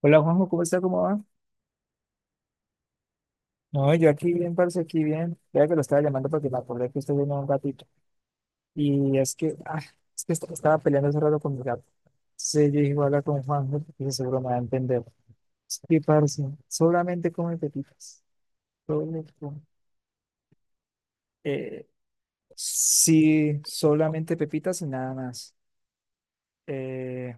Hola Juanjo, ¿cómo está? ¿Cómo va? No, yo aquí bien, parce, aquí bien. Ya que lo estaba llamando porque me acordé que usted tenía un gatito. Y es que, es que estaba peleando hace rato con mi gato. Sí, yo dije, voy a hablar con Juanjo porque seguro me va a entender. Sí, parce, solamente come pepitas. Solo come- Eh, sí, solamente pepitas y nada más. Eh,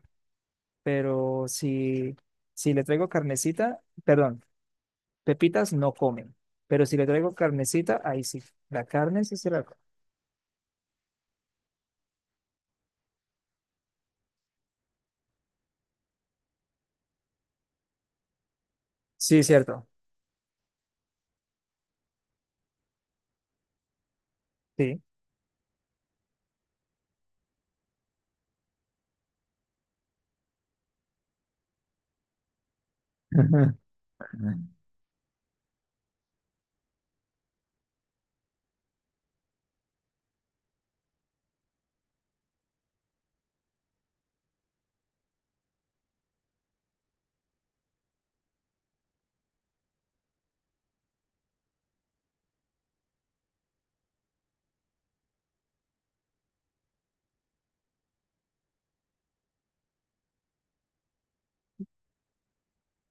pero si, si le traigo carnecita, perdón, pepitas no comen. Pero si le traigo carnecita, ahí sí. La carne sí se la come. Sí, cierto. Sí. Ujú.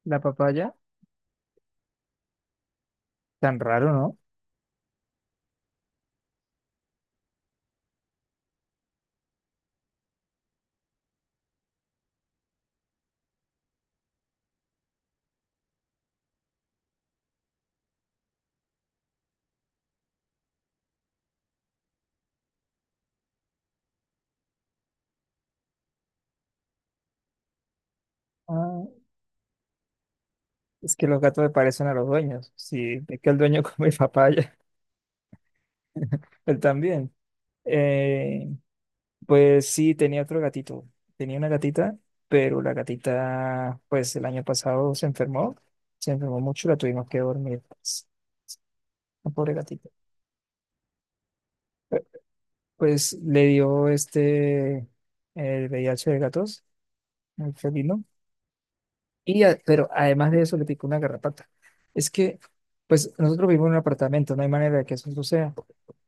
La papaya, tan raro, ¿no? Ah, es que los gatos le parecen a los dueños. Sí, es que el dueño come papaya, él también. Eh, pues sí, tenía otro gatito. Tenía una gatita, pero la gatita, pues el año pasado se enfermó. Se enfermó mucho, la tuvimos que dormir. Pues, la pobre gatita. Pues le dio este, el VIH de gatos, el felino. Pero además de eso le picó una garrapata. Es que, pues nosotros vivimos en un apartamento, no hay manera de que eso suceda,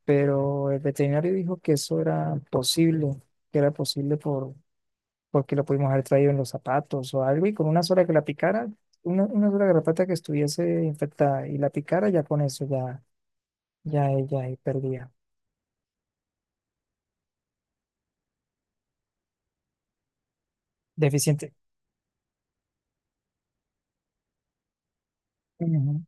pero el veterinario dijo que eso era posible, que era posible porque lo pudimos haber traído en los zapatos o algo, y con una sola que la picara, una sola garrapata que estuviese infectada y la picara, ya con eso ya, ya ella ahí perdía. Deficiente. Ujú.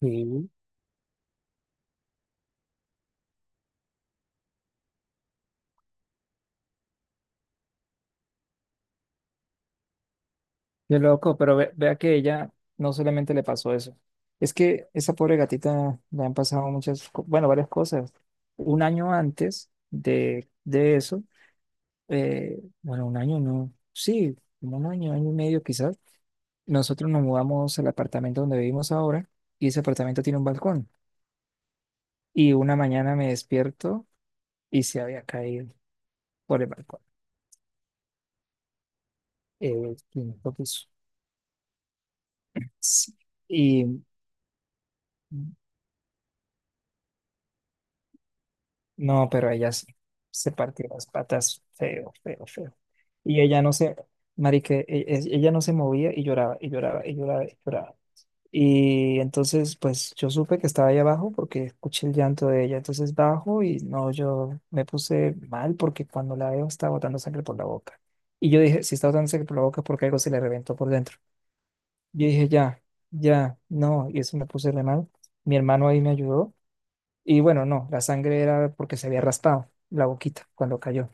Sí. Qué loco, pero vea que ella no solamente le pasó eso. Es que esa pobre gatita le han pasado muchas, bueno, varias cosas. Un año antes de eso, bueno, un año no, sí, como un año, año y medio quizás, nosotros nos mudamos al apartamento donde vivimos ahora y ese apartamento tiene un balcón. Y una mañana me despierto y se había caído por el balcón, el quinto piso. Sí. Y no, pero ella sí se partió las patas feo, feo, feo. Y ella no se, marique, ella no se movía y lloraba, y lloraba, y lloraba, y lloraba. Y entonces, pues yo supe que estaba ahí abajo porque escuché el llanto de ella. Entonces bajo y no, yo me puse mal porque cuando la veo estaba botando sangre por la boca. Y yo dije, si está botando sangre por la boca es porque algo se le reventó por dentro. Yo dije, ya, ya, no. Y eso me puse re mal. Mi hermano ahí me ayudó. Y bueno, no, la sangre era porque se había raspado la boquita cuando cayó.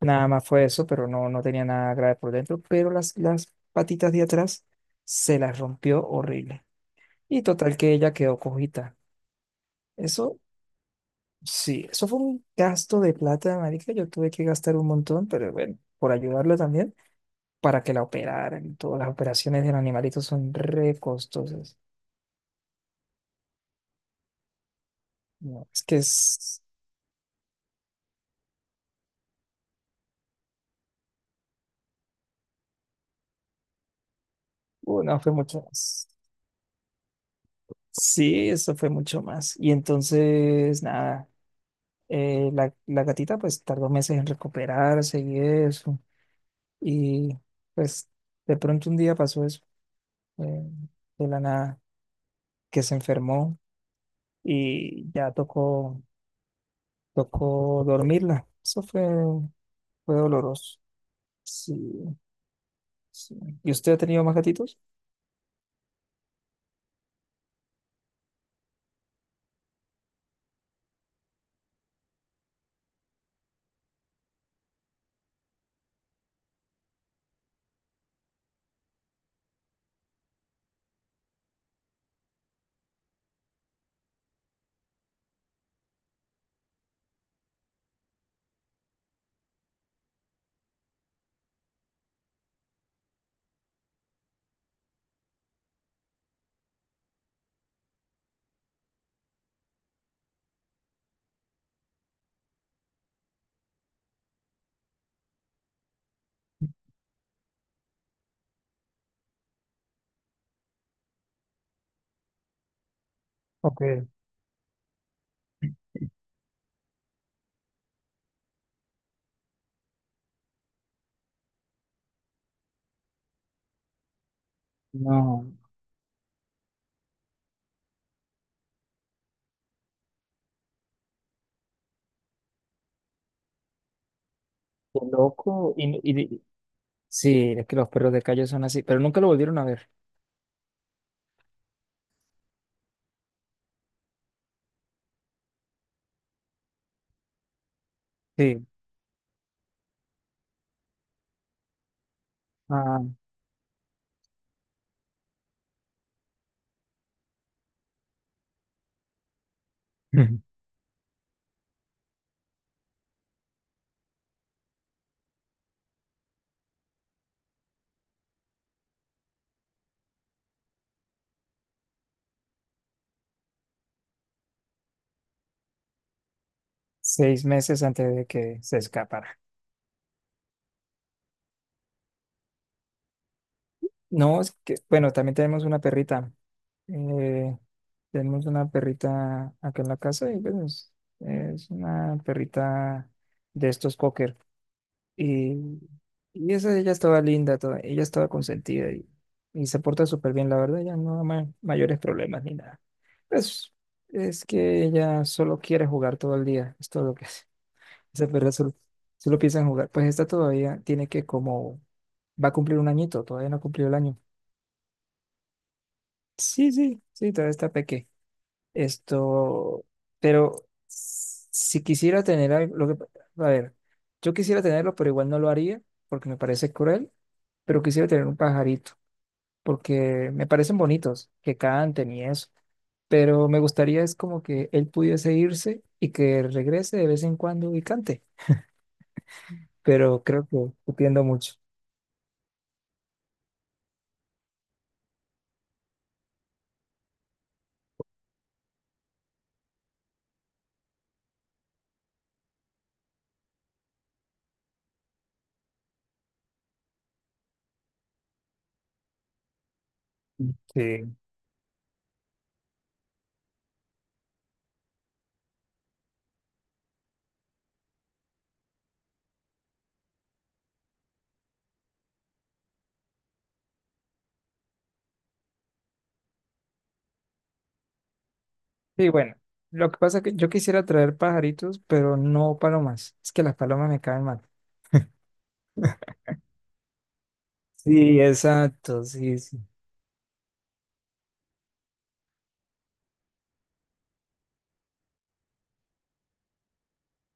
Nada más fue eso, pero no, no tenía nada grave por dentro, pero las patitas de atrás se las rompió horrible. Y total que ella quedó cojita. Eso, sí, eso fue un gasto de plata, marica. Yo tuve que gastar un montón, pero bueno, por ayudarla también, para que la operaran. Todas las operaciones del animalito son re costosas. No, es que es... no, fue mucho. Sí, eso fue mucho más. Y entonces, nada, la gatita pues tardó meses en recuperarse y eso. Y pues de pronto un día pasó eso, eh, de la nada, que se enfermó y ya tocó, tocó dormirla. Eso fue, fue doloroso. Sí, sí. ¿Y usted ha tenido más gatitos? Ok, no, qué loco. Sí, es que los perros de calle son así, pero nunca lo volvieron a ver. Sí. Ah. Seis meses antes de que se escapara. No, es que, bueno, también tenemos una perrita. Eh, tenemos una perrita acá en la casa y pues es una perrita de estos cocker. Y, y esa ella estaba linda, toda, ella estaba consentida y se porta súper bien, la verdad, ya no da mayores problemas ni nada. Pues es que ella solo quiere jugar todo el día, es todo lo que hace. Esa perra solo, solo piensa en jugar. Pues esta todavía tiene que como... Va a cumplir un añito, todavía no ha cumplido el año. Sí, sí, sí, todavía está peque. Esto, pero si quisiera tener algo, lo que, a ver, yo quisiera tenerlo, pero igual no lo haría porque me parece cruel, pero quisiera tener un pajarito porque me parecen bonitos, que canten y eso, pero me gustaría es como que él pudiese irse y que regrese de vez en cuando y cante, pero creo que estoy pidiendo mucho. Sí. Sí, bueno, lo que pasa es que yo quisiera traer pajaritos, pero no palomas. Es que las palomas me caen mal. Sí, exacto, sí, sí.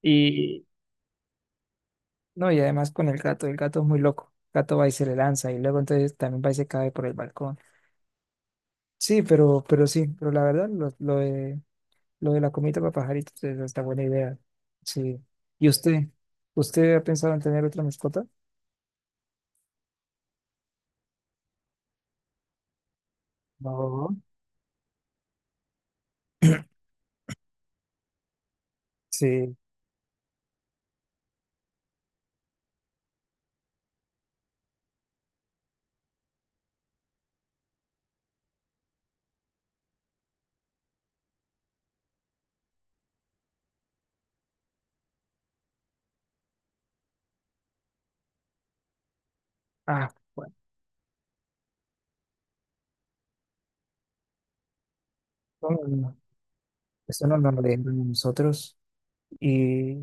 Y no, y además con el gato es muy loco. El gato va y se le lanza y luego entonces también va y se cae por el balcón. Sí, pero sí, pero la verdad, lo de la comida para pajaritos es hasta buena idea. Sí. ¿Y usted? ¿Usted ha pensado en tener otra mascota? No. Sí. Ah, bueno, no, no, no. Eso no, no lo leemos nosotros. Y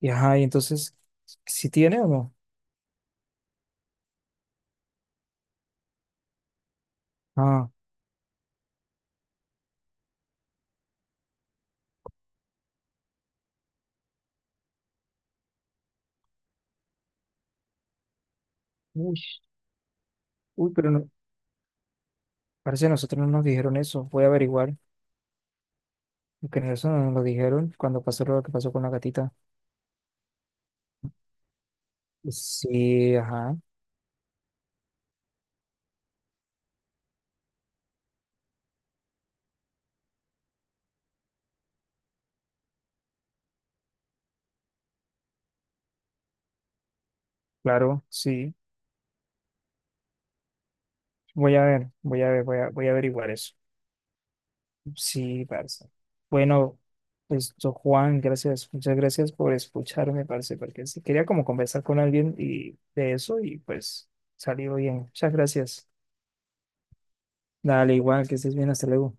y ajá, y entonces, ¿si tiene o no? Ah, uy, uy, pero no, parece que nosotros no nos dijeron eso. Voy a averiguar, porque eso no nos lo dijeron cuando pasó lo que pasó con la gatita. Sí, ajá, claro, sí. Voy a ver, voy a ver, voy a, voy a averiguar eso. Sí, parce. Bueno, esto, Juan, gracias, muchas gracias por escucharme, parce, porque sí quería como conversar con alguien y de eso y pues salió bien. Muchas gracias. Dale, igual, que estés bien, hasta luego.